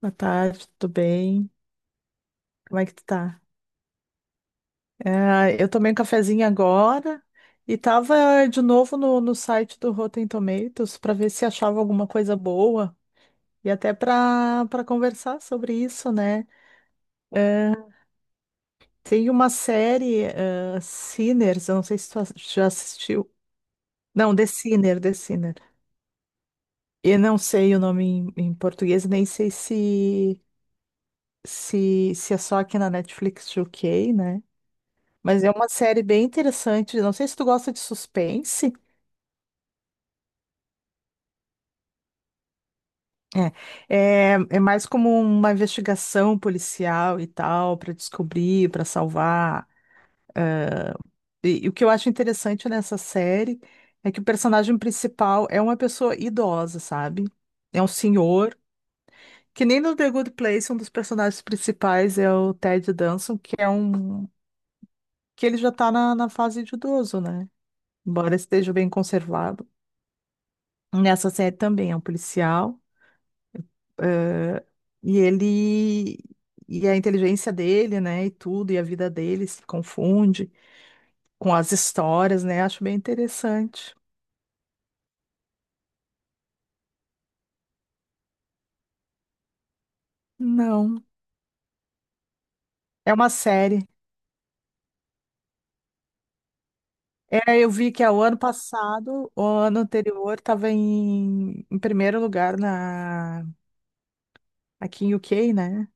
Boa tarde, tudo bem? Como é que tu tá? Eu tomei um cafezinho agora e tava de novo no site do Rotten Tomatoes para ver se achava alguma coisa boa e até para conversar sobre isso, né? Tem uma série, Sinners, eu não sei se já assistiu. Não, The Sinner, The Sinner. Eu não sei o nome em português, nem sei se é só aqui na Netflix UK, né? Mas é uma série bem interessante. Não sei se tu gosta de suspense. É mais como uma investigação policial e tal, para descobrir, para salvar. E o que eu acho interessante nessa série é que o personagem principal é uma pessoa idosa, sabe? É um senhor. Que nem no The Good Place, um dos personagens principais é o Ted Danson, que é um. Que ele já tá na fase de idoso, né? Embora esteja bem conservado. Nessa série também é um policial. eh, e ele e a inteligência dele, né, e tudo, e a vida dele se confunde com as histórias, né? Acho bem interessante. Não, é uma série. É, eu vi que é o ano passado, o ano anterior, estava em primeiro lugar na aqui em UK, né?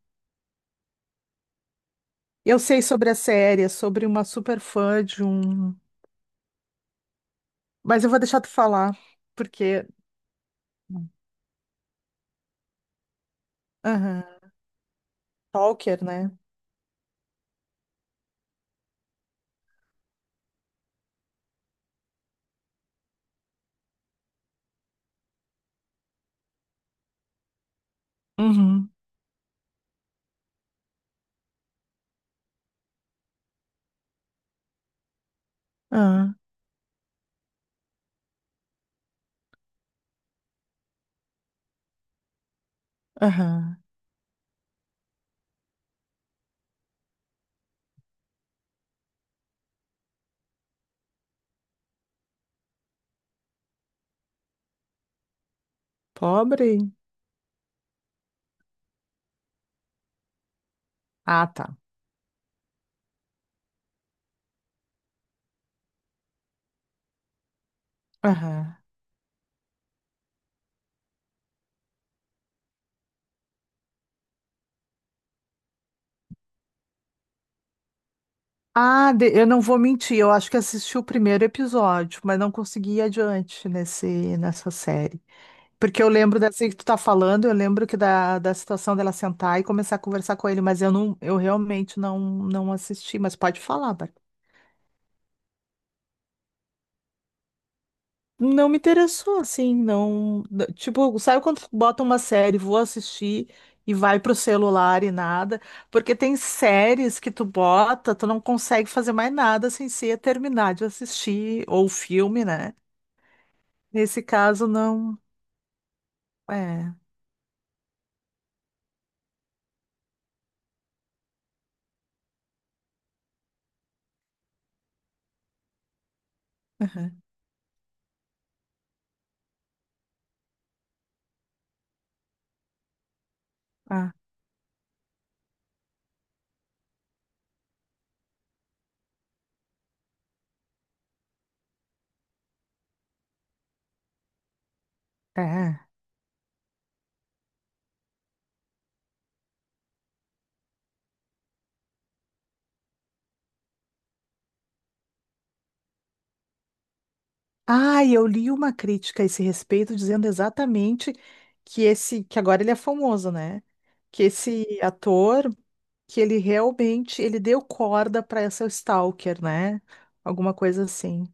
Eu sei sobre a série, é sobre uma super fã de um, mas eu vou deixar tu falar, porque, aham. Stalker, né? Uhum. Ah, aham. Pobre. Ah, tá. Aham. Ah, de- eu não vou mentir, eu acho que assisti o primeiro episódio, mas não consegui ir adiante nessa série. Porque eu lembro dessa que tu tá falando, eu lembro que da situação dela sentar e começar a conversar com ele, mas eu realmente não assisti, mas pode falar. Não me interessou, assim, não. N- tipo, sabe quando bota uma série, vou assistir e vai pro celular e nada? Porque tem séries que tu bota, tu não consegue fazer mais nada sem ser terminar de assistir, ou filme, né? Nesse caso, não. É. Aham. Ah, é. Ah, eu li uma crítica a esse respeito dizendo exatamente que esse, que agora ele é famoso, né? Que esse ator. Que ele realmente ele deu corda para essa stalker, né? Alguma coisa assim.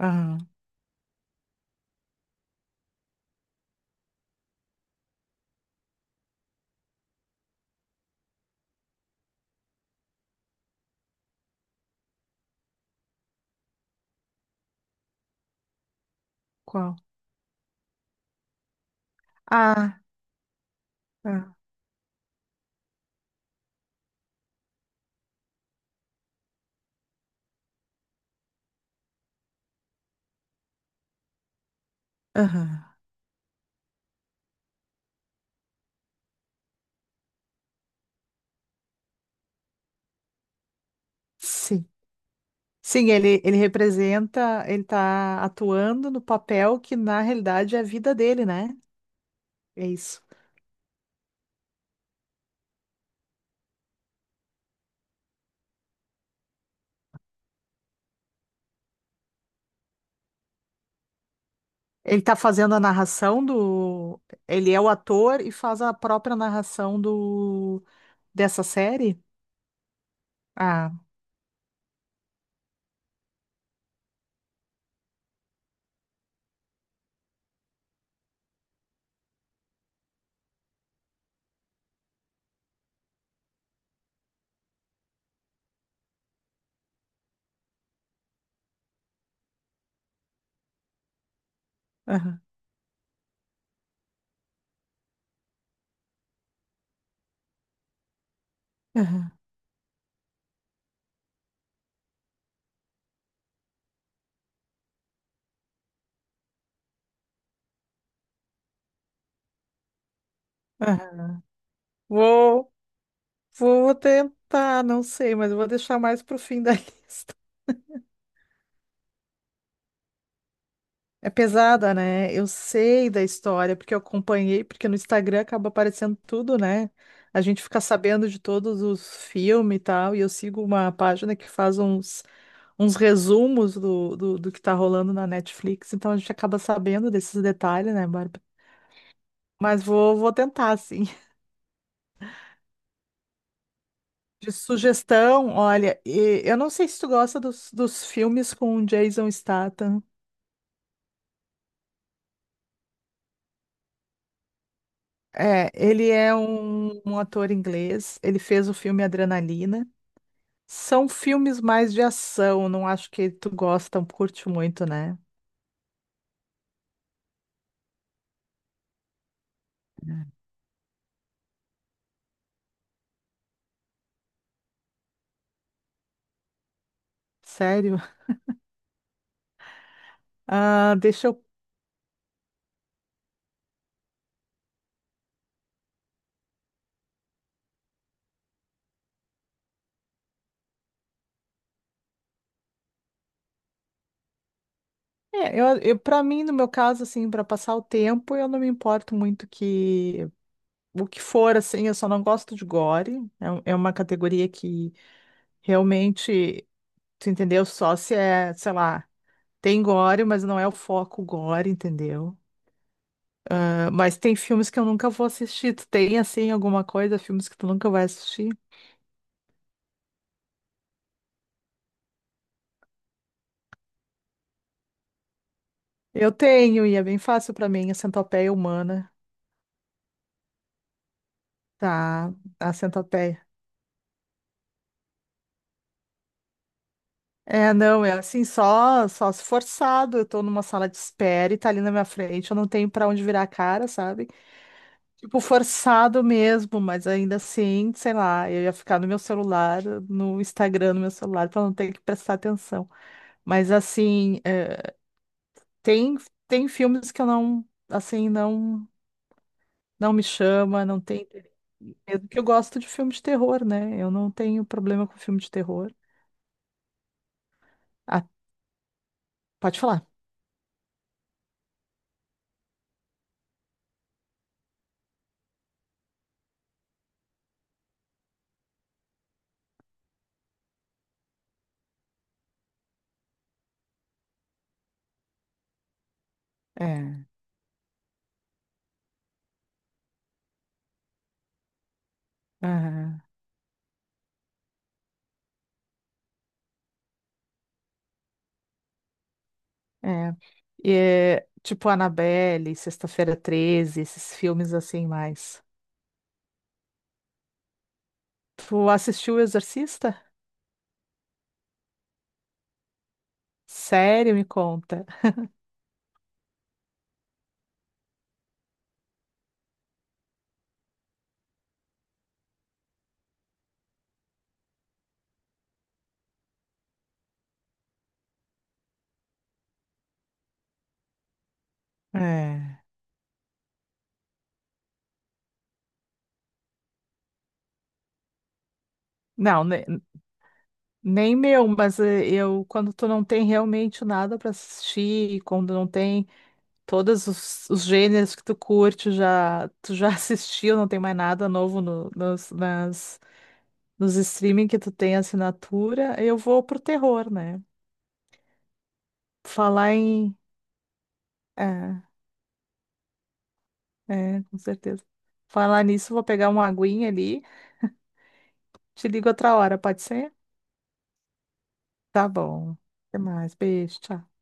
Aham. Qual? Ah, ah, aham. Sim. Sim, ele representa, ele tá atuando no papel que na realidade é a vida dele, né? É isso. Ele tá fazendo a narração do. Ele é o ator e faz a própria narração do dessa série? Ah, aham, aham, aham. Uou! Vou tentar, não sei, mas eu vou deixar mais pro fim da lista. É pesada, né? Eu sei da história, porque eu acompanhei, porque no Instagram acaba aparecendo tudo, né? A gente fica sabendo de todos os filmes e tal, e eu sigo uma página que faz uns, uns resumos do que tá rolando na Netflix, então a gente acaba sabendo desses detalhes, né, Bárbara? Mas vou tentar, sim. De sugestão, olha, e- eu não sei se tu gosta dos filmes com o Jason Statham. É, ele é um ator inglês, ele fez o filme Adrenalina. São filmes mais de ação, não acho que tu gosta, curte muito, né? Sério? Ah, deixa eu. Eu para mim, no meu caso, assim, para passar o tempo, eu não me importo muito que o que for, assim, eu só não gosto de gore. É, um- é uma categoria que realmente, tu entendeu? Só se é, sei lá, tem gore, mas não é o foco gore, entendeu? Mas tem filmes que eu nunca vou assistir. Tu tem, assim, alguma coisa, filmes que tu nunca vai assistir? Eu tenho, e é bem fácil pra mim, a Centopeia Humana. Tá, a Centopeia. É, não, é assim, só se forçado. Eu tô numa sala de espera e tá ali na minha frente, eu não tenho pra onde virar a cara, sabe? Tipo, forçado mesmo, mas ainda assim, sei lá, eu ia ficar no meu celular, no Instagram, no meu celular, pra não ter que prestar atenção. Mas assim, é, tem, tem filmes que eu não, assim, não. Não me chama, não tem. Mesmo que eu gosto de filme de terror, né? Eu não tenho problema com filme de terror. Ah, pode falar. É, aham, é. E é, tipo Annabelle, Sexta-feira Treze, esses filmes assim mais. Tu assistiu O Exorcista? Sério, me conta. É. Não, né, nem meu, mas eu, quando tu não tem realmente nada para assistir, e quando não tem todos os gêneros que tu curte, já, tu já assistiu, não tem mais nada novo nos streaming que tu tem assinatura, eu vou pro terror, né? Falar em. É, é, com certeza. Falar nisso, vou pegar uma aguinha ali, te ligo outra hora, pode ser? Tá bom. Até mais, beijo, tchau.